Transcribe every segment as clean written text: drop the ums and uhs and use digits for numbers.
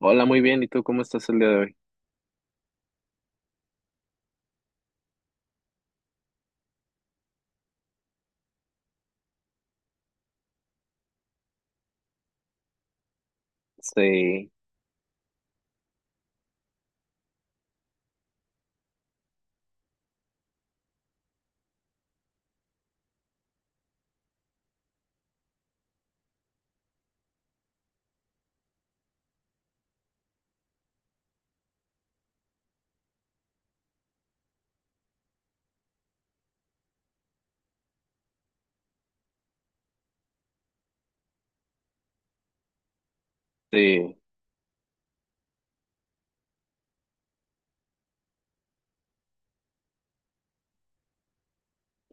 Hola, muy bien. ¿Y tú cómo estás el día de hoy? Sí, sí,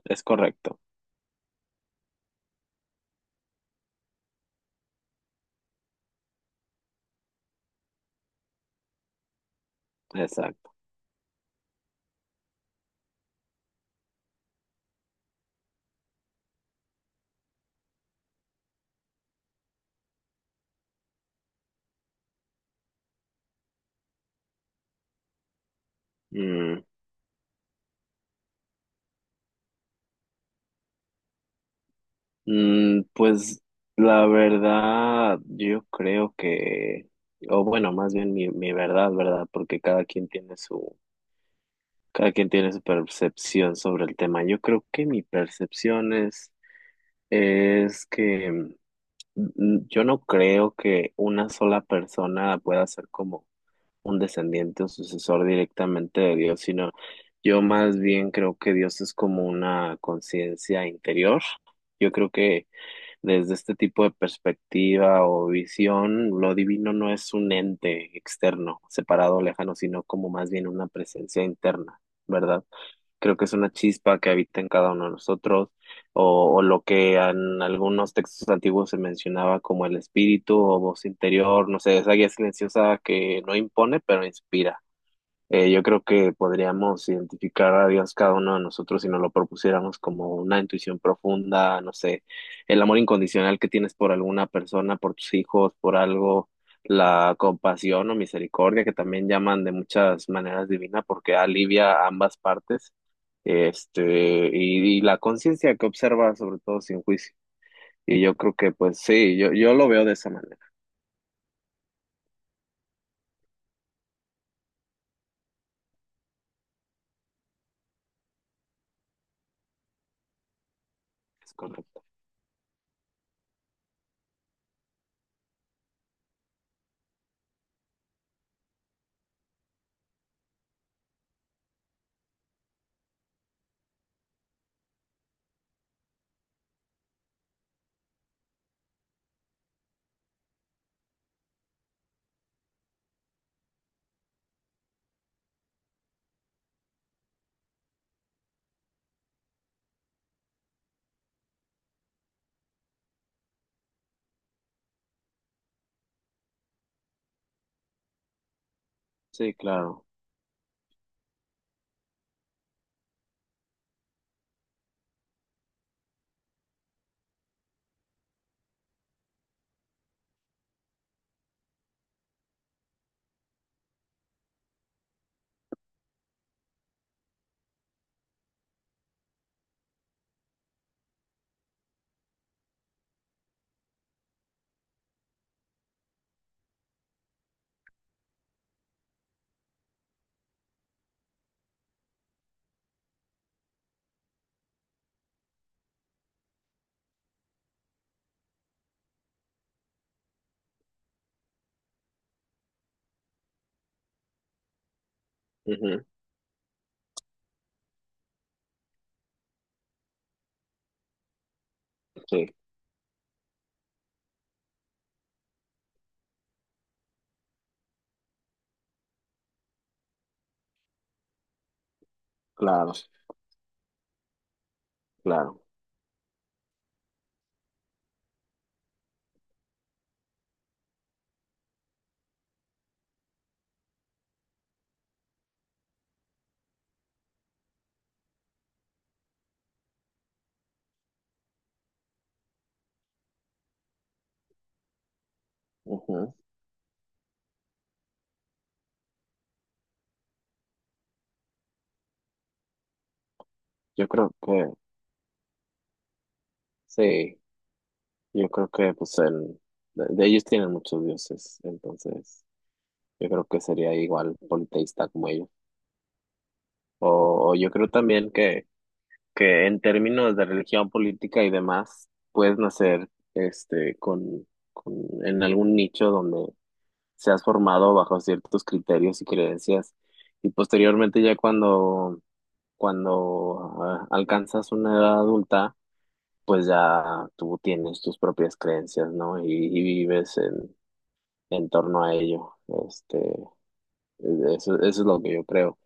es correcto. Exacto. Mm, pues la verdad, o bueno, más bien mi verdad, ¿verdad? Porque cada quien tiene su, cada quien tiene su percepción sobre el tema. Yo creo que mi percepción es que yo no creo que una sola persona pueda ser como un descendiente o sucesor directamente de Dios, sino yo más bien creo que Dios es como una conciencia interior. Yo creo que desde este tipo de perspectiva o visión, lo divino no es un ente externo, separado, lejano, sino como más bien una presencia interna, ¿verdad? Creo que es una chispa que habita en cada uno de nosotros, o lo que en algunos textos antiguos se mencionaba como el espíritu o voz interior, no sé, esa guía silenciosa que no impone, pero inspira. Yo creo que podríamos identificar a Dios cada uno de nosotros si nos lo propusiéramos como una intuición profunda, no sé, el amor incondicional que tienes por alguna persona, por tus hijos, por algo, la compasión o misericordia que también llaman de muchas maneras divina porque alivia ambas partes, este, y la conciencia que observa sobre todo sin juicio. Y yo creo que pues sí, yo lo veo de esa manera. Es correcto. Sí, claro. Ujú. Sí, claro, claro. Ujú. Yo creo que, sí, yo creo que pues el, de ellos tienen muchos dioses, entonces yo creo que sería igual politeísta como ellos. O yo creo también que en términos de religión política y demás, puedes nacer este, con, en algún nicho donde seas formado bajo ciertos criterios y creencias y posteriormente ya cuando, cuando alcanzas una edad adulta, pues ya tú tienes tus propias creencias, ¿no? Y vives en torno a ello. Este, eso, eso es lo que yo creo,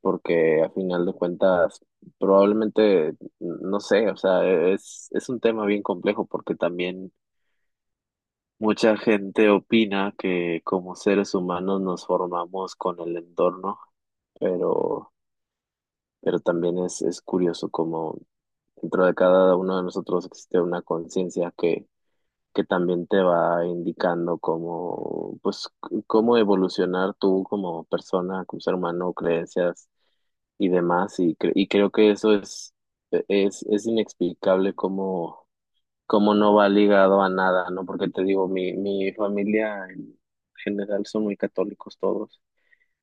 porque a final de cuentas, probablemente, no sé, o sea, es un tema bien complejo porque también mucha gente opina que como seres humanos nos formamos con el entorno, pero, pero también es curioso como dentro de cada uno de nosotros existe una conciencia que también te va indicando cómo, pues, cómo evolucionar tú como persona, como ser humano, creencias y demás. Y, y creo que eso es, es inexplicable cómo, cómo no va ligado a nada, ¿no? Porque te digo, mi familia en general son muy católicos todos,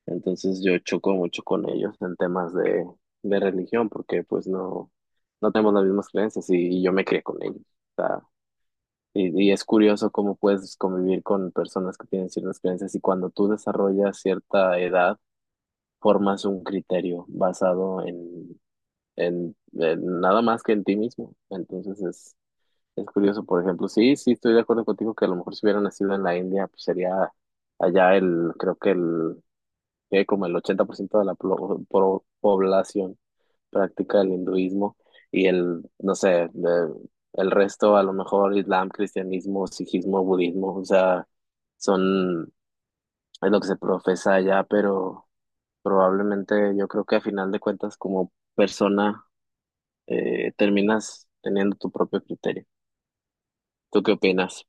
entonces yo choco mucho con ellos en temas de religión, porque pues no, no tenemos las mismas creencias y yo me crié con ellos. Y es curioso cómo puedes convivir con personas que tienen ciertas creencias y cuando tú desarrollas cierta edad, formas un criterio basado en nada más que en ti mismo. Entonces es curioso, por ejemplo, sí, sí, estoy de acuerdo contigo que a lo mejor si hubiera nacido en la India, pues sería allá el, creo que el, que como el 80% de la población práctica del hinduismo y el, no sé, el resto, a lo mejor islam, cristianismo, sijismo, budismo, o sea, son, es lo que se profesa allá, pero probablemente yo creo que a final de cuentas como persona terminas teniendo tu propio criterio. ¿Tú qué opinas?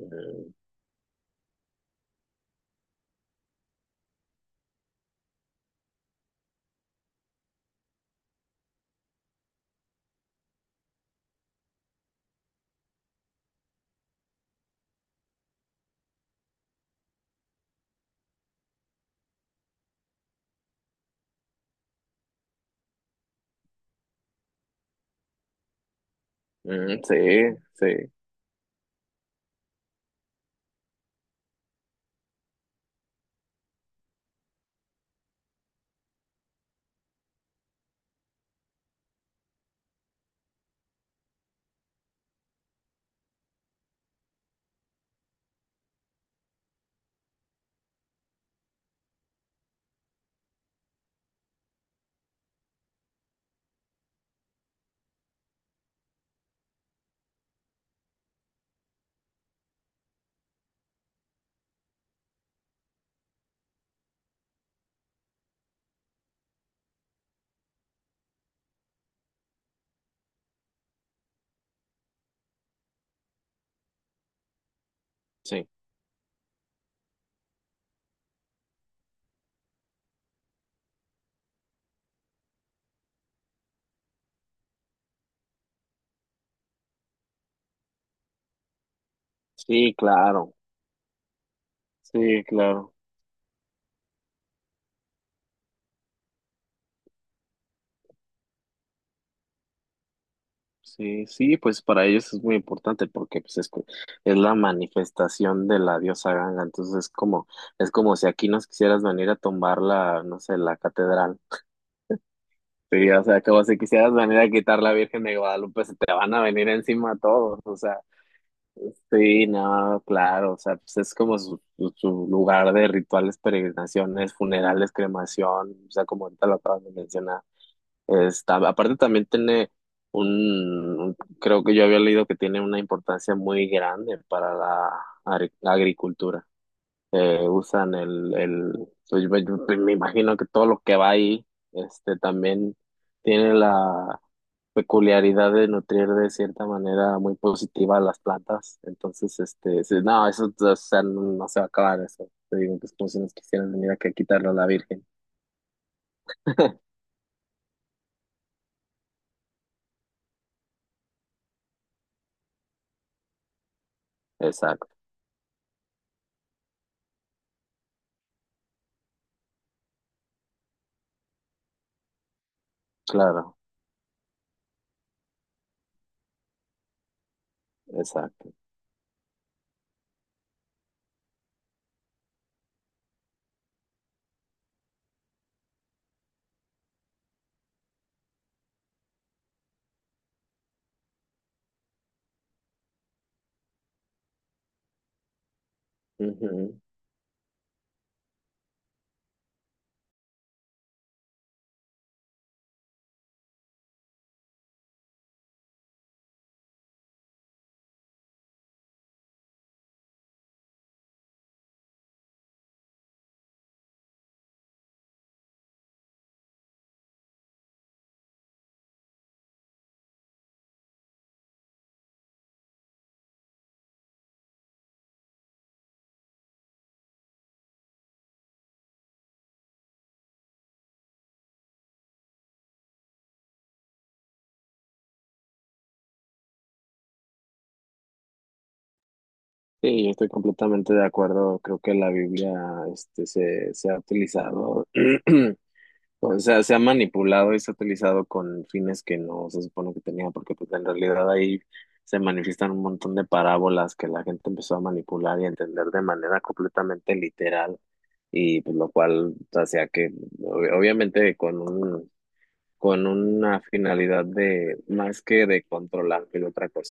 Mm, sí, sí, sí. Sí, claro, sí, claro. Sí, sí, pues para ellos es muy importante porque pues es, es la manifestación de la diosa Ganga, entonces es como si aquí nos quisieras venir a tumbar la, no sé, la catedral. Sí, o sea, como si quisieras venir a quitar la Virgen de Guadalupe, se te van a venir encima todos, o sea, sí, no, claro, o sea, pues es como su, su lugar de rituales, peregrinaciones, funerales, cremación, o sea, como ahorita lo acabas de mencionar. Está, aparte también tiene un- creo que yo había leído que tiene una importancia muy grande para la, agricultura. Usan el, pues, yo me imagino que todo lo que va ahí, este, también tiene la peculiaridad de nutrir de cierta manera muy positiva a las plantas. Entonces, este, sí, no, eso, o sea, no, no se va a acabar eso. Te digo que es como si nos quisieran venir aquí a quitarlo a la Virgen. Exacto, claro, exacto. Ujú. Sí, yo estoy completamente de acuerdo. Creo que la Biblia, este, se ha utilizado, o sea, se ha manipulado y se ha utilizado con fines que no se supone que tenía, porque pues en realidad ahí se manifiestan un montón de parábolas que la gente empezó a manipular y a entender de manera completamente literal, y pues lo cual hacía que, obviamente, con un, con una finalidad de más que de controlar que de otra cosa.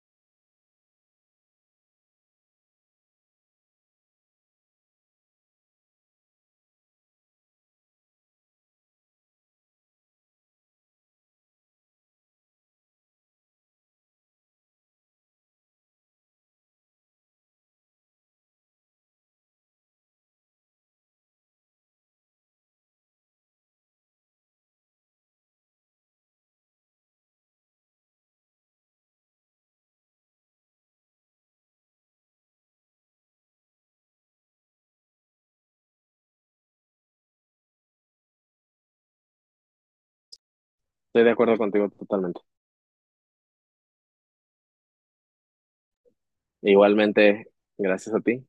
Estoy de acuerdo contigo totalmente. Igualmente, gracias a ti.